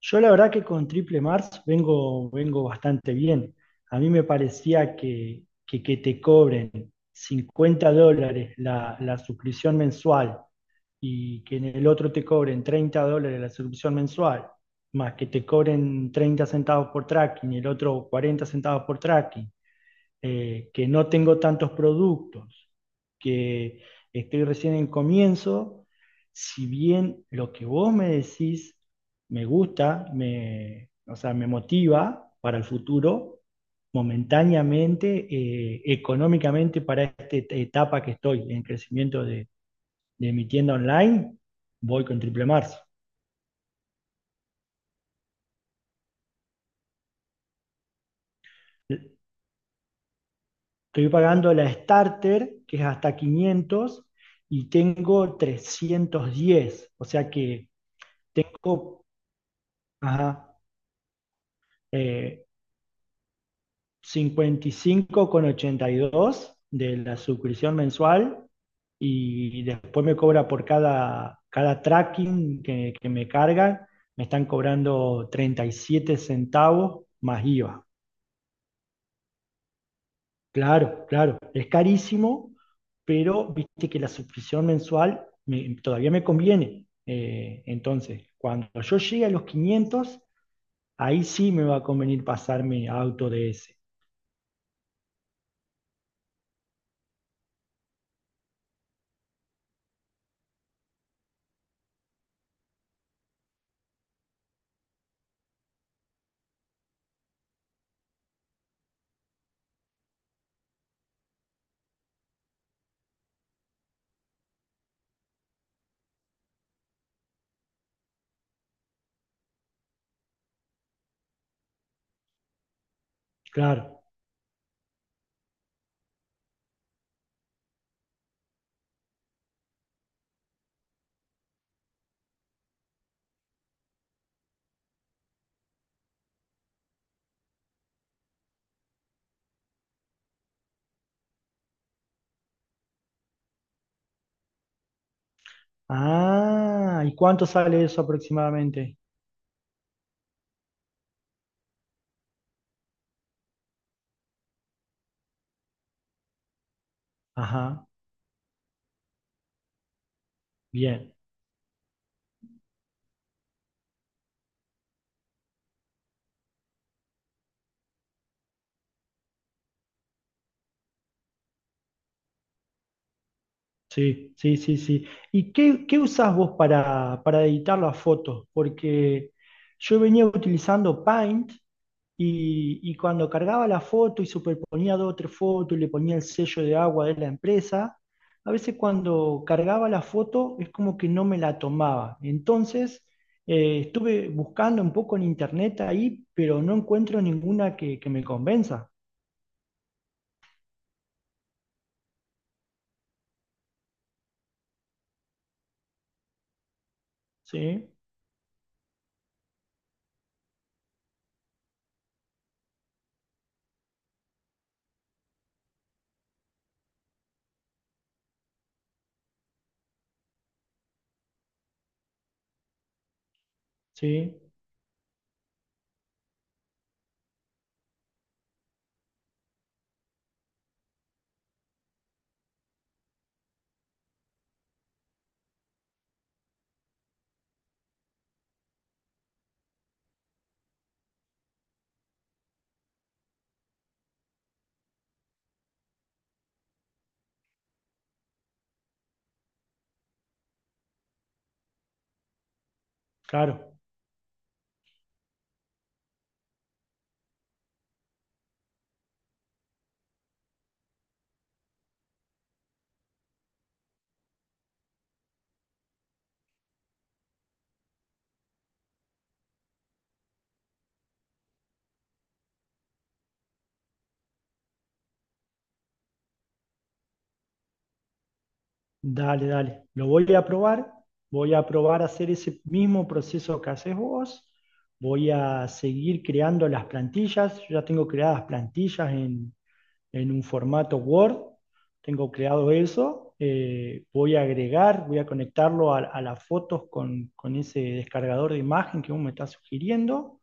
Yo la verdad que con Triple Mars vengo bastante bien. A mí me parecía que te cobren $50 la suscripción mensual, y que en el otro te cobren $30 la suscripción mensual, más que te cobren 30 centavos por tracking y el otro 40 centavos por tracking, que no tengo tantos productos, que estoy recién en comienzo. Si bien lo que vos me decís me gusta, o sea, me motiva para el futuro. Momentáneamente, económicamente, para esta etapa que estoy en crecimiento de mi tienda online, voy con Triple Marzo. Estoy pagando la starter, que es hasta 500, y tengo 310, o sea que tengo, ajá, eh, 55,82 de la suscripción mensual. Y después me cobra por cada tracking que me cargan; me están cobrando 37 centavos más IVA. Claro, claro, es carísimo, pero viste que la suscripción mensual todavía me conviene. Entonces, cuando yo llegue a los 500, ahí sí me va a convenir pasarme a Auto DS. Claro. Ah, ¿y cuánto sale eso aproximadamente? Ajá, bien. Sí, sí, sí, sí. ¿Y qué usás vos para editar las fotos? Porque yo venía utilizando Paint, y cuando cargaba la foto y superponía dos o tres fotos y le ponía el sello de agua de la empresa, a veces cuando cargaba la foto es como que no me la tomaba. Entonces, estuve buscando un poco en internet ahí, pero no encuentro ninguna que me convenza. Sí, sí, claro. Dale, dale. Lo voy a probar. Voy a probar a hacer ese mismo proceso que haces vos. Voy a seguir creando las plantillas. Yo ya tengo creadas plantillas en un formato Word. Tengo creado eso. Voy a agregar, voy a conectarlo a las fotos con ese descargador de imagen que vos me estás sugiriendo.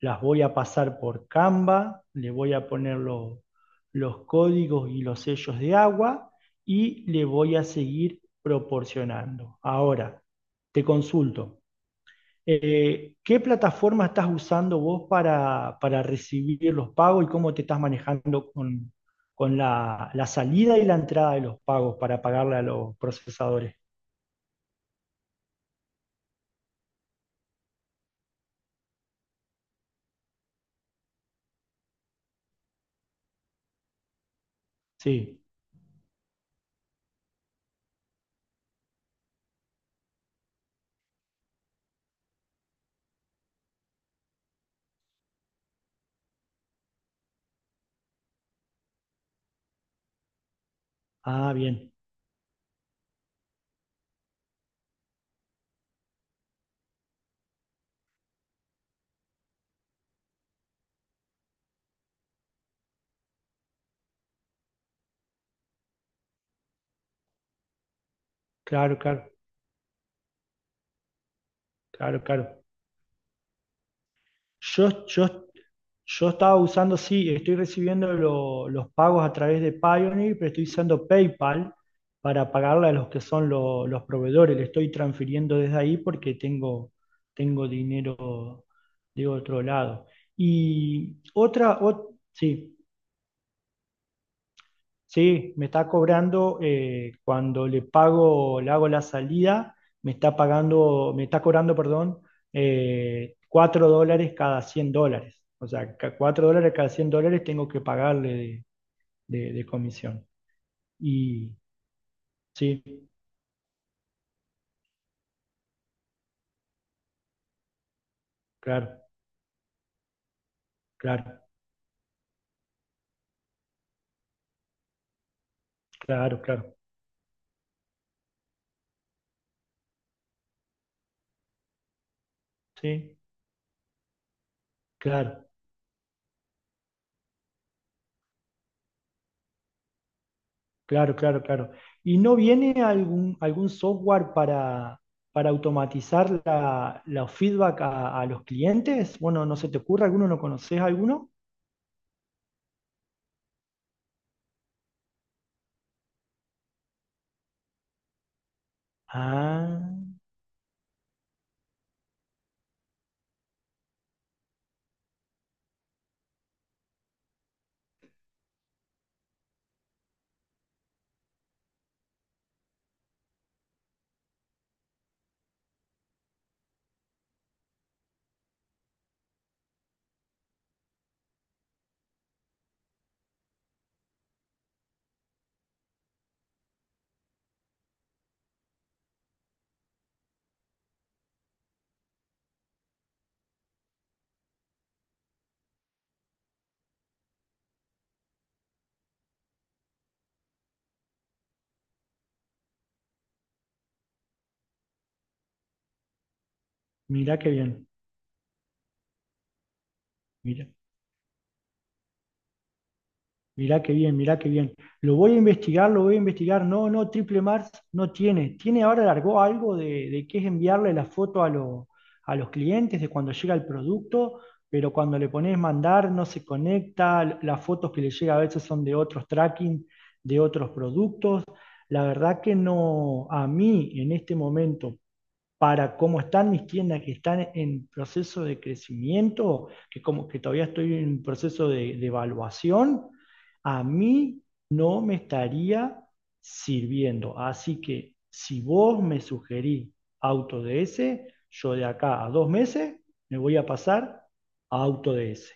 Las voy a pasar por Canva, le voy a poner los códigos y los sellos de agua, y le voy a seguir proporcionando. Ahora, te consulto, ¿qué plataforma estás usando vos para recibir los pagos y cómo te estás manejando con la salida y la entrada de los pagos para pagarle a los procesadores? Sí. Ah, bien. Claro, claro, claro, claro. Yo, yo Yo estaba usando, sí, estoy recibiendo los pagos a través de Payoneer, pero estoy usando PayPal para pagarle a los que son los proveedores. Le estoy transfiriendo desde ahí porque tengo dinero de otro lado. Y otra, sí. Sí, me está cobrando, cuando le pago, le hago la salida, me está pagando, me está cobrando, perdón, $4 cada $100. O sea, $4 cada $100 tengo que pagarle de comisión. Y sí, claro, claro, claro, claro, sí, claro. Claro, claro, claro. ¿Y no viene algún software para automatizar la, los feedback a los clientes? Bueno, ¿no se te ocurre alguno? ¿No conoces alguno? Ah, mirá qué bien. Mirá qué bien, mirá qué bien. Lo voy a investigar, lo voy a investigar. No, no, Triple Mars no tiene. Tiene ahora, largó algo de que es enviarle la foto a los clientes de cuando llega el producto, pero cuando le pones mandar no se conecta. Las fotos que le llega a veces son de otros tracking, de otros productos. La verdad que no, a mí en este momento, para cómo están mis tiendas que están en proceso de crecimiento, que, como, que todavía estoy en un proceso de evaluación, a mí no me estaría sirviendo. Así que si vos me sugerís AutoDS, yo de acá a 2 meses me voy a pasar a AutoDS.